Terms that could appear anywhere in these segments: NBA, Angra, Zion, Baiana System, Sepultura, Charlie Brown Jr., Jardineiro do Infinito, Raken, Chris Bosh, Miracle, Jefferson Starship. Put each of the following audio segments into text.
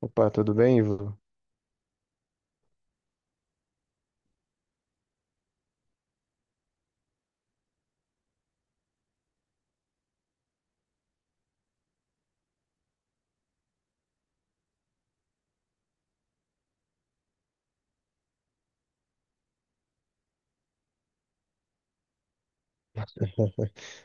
Opa, tudo bem, Ivo?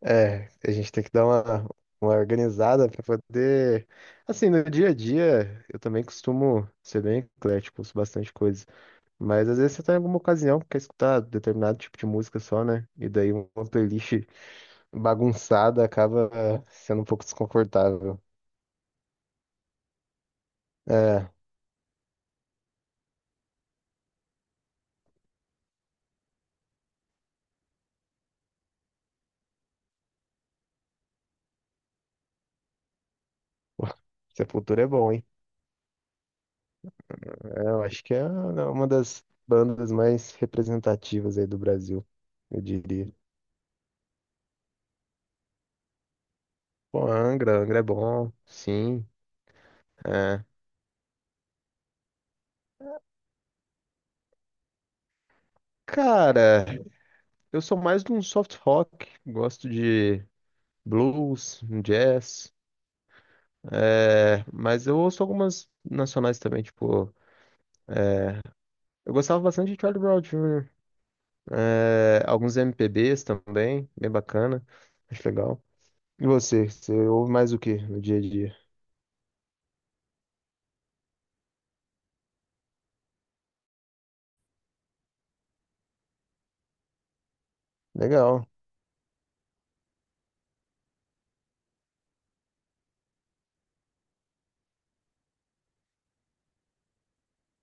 É, a gente tem que dar uma organizada para poder. Assim, no dia a dia, eu também costumo ser bem eclético, ouço bastante coisa. Mas às vezes você tá em alguma ocasião que quer escutar determinado tipo de música só, né? E daí uma playlist bagunçada acaba sendo um pouco desconfortável. É, pô, Sepultura é bom, hein? É, eu acho que é uma das bandas mais representativas aí do Brasil, eu diria. Pô, Angra, Angra é bom, sim. É. Cara, eu sou mais de um soft rock, gosto de blues, um jazz, mas eu ouço algumas nacionais também, tipo, é, eu gostava bastante de Charlie Brown Jr., alguns MPBs também, bem bacana, acho legal. E você ouve mais o que no dia a dia? Legal.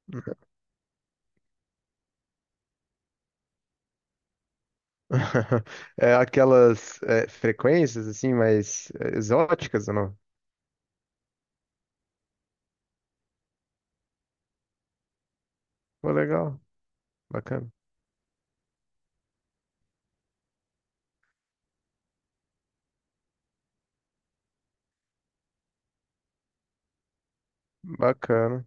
É, aquelas frequências assim, mais exóticas ou não? Pô, legal, bacana, bacana.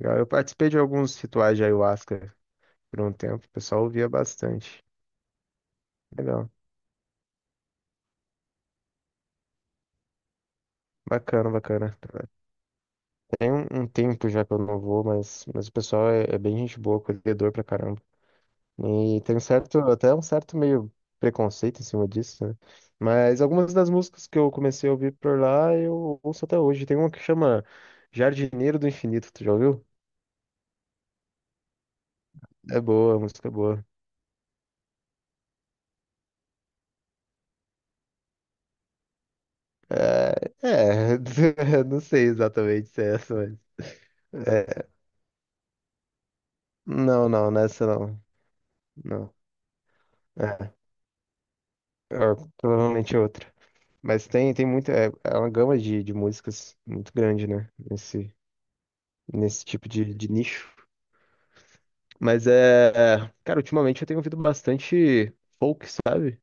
Legal. Eu participei de alguns rituais de ayahuasca por um tempo, o pessoal ouvia bastante. Legal. Bacana, bacana. Tem um, um tempo já que eu não vou, mas o pessoal é, é bem gente boa, acolhedor pra caramba. E tem um certo, até um certo meio preconceito em cima disso, né? Mas algumas das músicas que eu comecei a ouvir por lá, eu ouço até hoje. Tem uma que chama Jardineiro do Infinito, tu já ouviu? É boa, a música é boa. É, não sei exatamente se é essa, mas, não, não, nessa não. Não. É, é, provavelmente é outra. Mas tem, tem muita. É, é uma gama de músicas muito grande, né? Nesse, nesse tipo de nicho. Mas cara, ultimamente eu tenho ouvido bastante folk, sabe?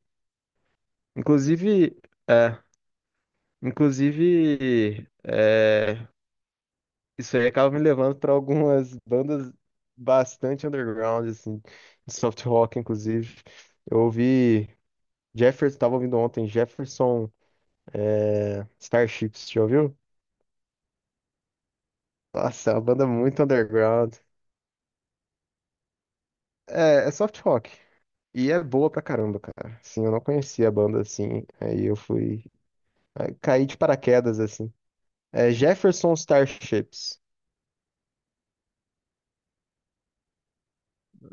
Inclusive. É, inclusive. É, isso aí acaba me levando para algumas bandas bastante underground, assim. De soft rock, inclusive. Eu ouvi. Jefferson, tava ouvindo ontem, Jefferson. É, Starships, já ouviu? Nossa, é uma banda muito underground. É, soft rock. E é boa pra caramba, cara. Sim, eu não conhecia a banda assim. Aí eu fui. Aí caí de paraquedas, assim. É Jefferson Starships.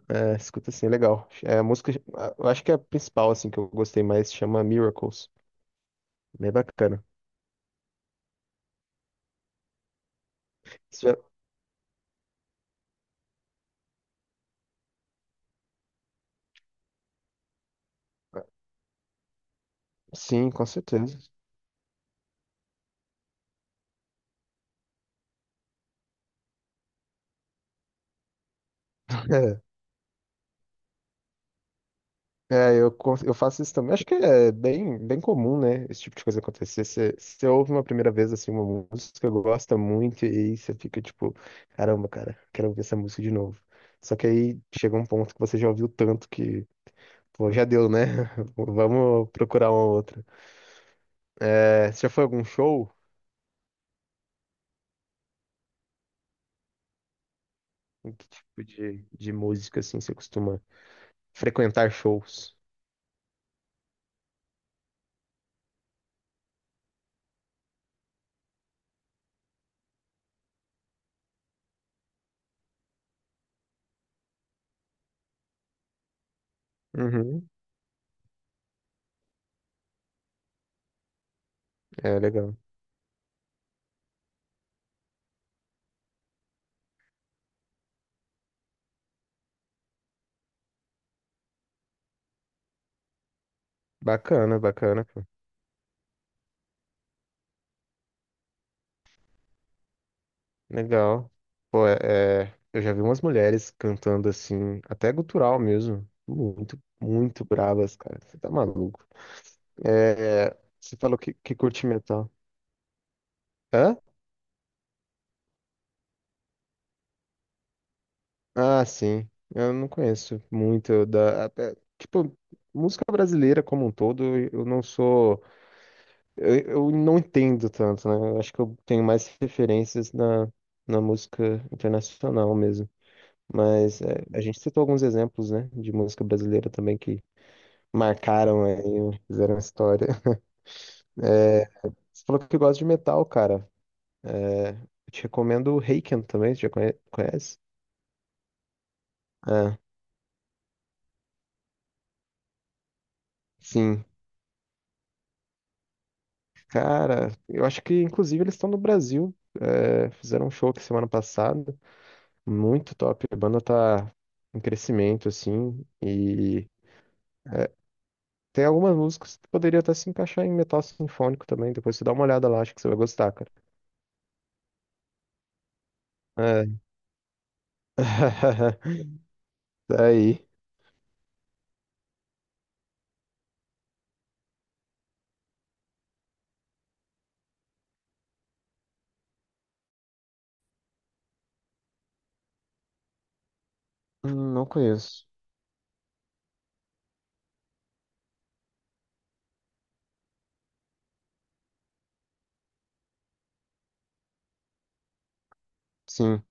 É, escuta assim, é legal. É a música. Eu acho que é a principal, assim, que eu gostei mais. Chama Miracles. Bem bacana. Você já- Sim, com certeza. É, eu, eu faço isso também. Acho que é bem, bem comum, né? Esse tipo de coisa acontecer. Você ouve uma primeira vez assim, uma música que gosta muito, e aí você fica tipo, caramba, cara, quero ouvir essa música de novo. Só que aí chega um ponto que você já ouviu tanto que, pô, já deu, né? Vamos procurar uma outra. É, você já foi a algum show? Que tipo de música assim você costuma frequentar shows? Uhum, é legal. Bacana, bacana. Legal. Pô, eu já vi umas mulheres cantando assim, até gutural mesmo. Muito, muito bravas, cara. Você tá maluco. É, você falou que curte metal. Hã? Ah, sim. Eu não conheço muito tipo, música brasileira como um todo, eu não sou. Eu não entendo tanto, né? Eu acho que eu tenho mais referências na, na música internacional mesmo. Mas é, a gente citou alguns exemplos, né, de música brasileira também que marcaram aí, fizeram história. É, você falou que gosta de metal, cara. É, eu te recomendo o Raken também, você já conhece? Ah, sim. Cara, eu acho que inclusive eles estão no Brasil. É, fizeram um show aqui semana passada. Muito top. A banda tá em crescimento, assim. E é, tem algumas músicas que poderia até se encaixar em metal sinfônico também. Depois você dá uma olhada lá, acho que você vai gostar, cara. É. Daí. Não conheço. Sim.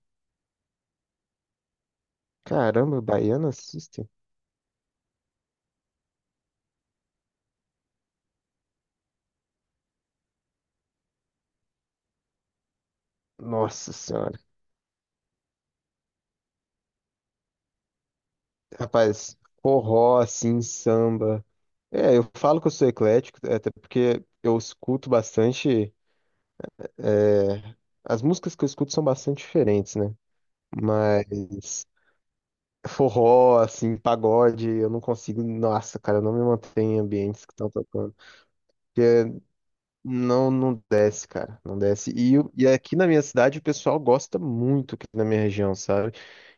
Caramba, Baiana System. Nossa senhora. Rapaz, forró, assim, samba. É, eu falo que eu sou eclético, até porque eu escuto bastante. é, As músicas que eu escuto são bastante diferentes, né? Mas forró, assim, pagode, eu não consigo. Nossa, cara, eu não me mantenho em ambientes que estão tocando. Porque Não, não desce, cara. Não desce. E aqui na minha cidade o pessoal gosta muito aqui na minha região, sabe?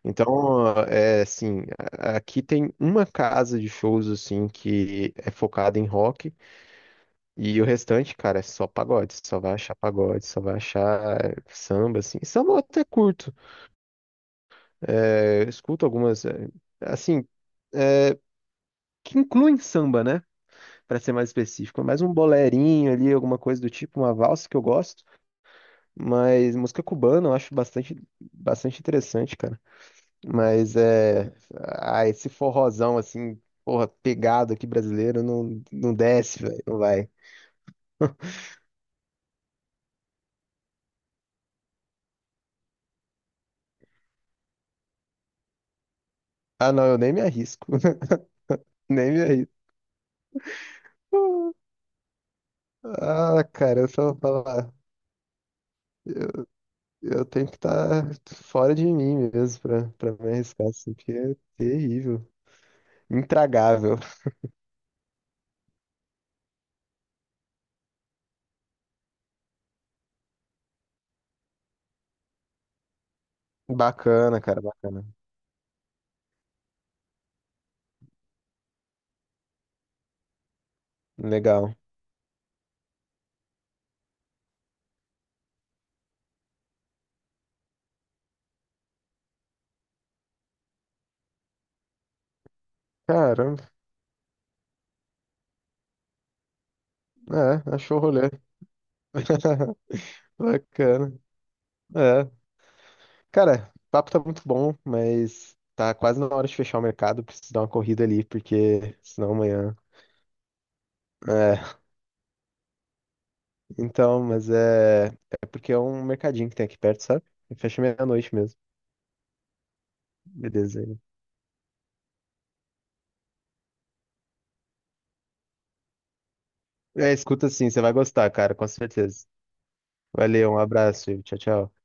Então, é assim, aqui tem uma casa de shows, assim, que é focada em rock. E o restante, cara, é só pagode. Só vai achar pagode, só vai achar samba, assim. Samba eu até curto. É, eu escuto algumas, assim, eh, que incluem samba, né? Pra ser mais específico. Mais um bolerinho ali, alguma coisa do tipo, uma valsa que eu gosto. Mas música cubana eu acho bastante, bastante interessante, cara. Mas é. Ah, esse forrozão assim, porra, pegado aqui brasileiro, não, não desce, velho, não vai. Ah, não, eu nem me arrisco, nem me arrisco. Ah, cara, eu só vou falar. Eu, eu tenho que estar fora de mim mesmo pra, pra me arriscar, assim, porque é terrível. Intragável. Bacana, cara, bacana. Legal. Caramba, achou o rolê. Bacana. É. Cara, o papo tá muito bom, mas tá quase na hora de fechar o mercado. Preciso dar uma corrida ali, porque senão amanhã. É, então, mas é. É porque é um mercadinho que tem aqui perto, sabe? E fecha meia-noite mesmo. Beleza. É, escuta sim, você vai gostar, cara, com certeza. Valeu, um abraço, Ivo. Tchau, tchau.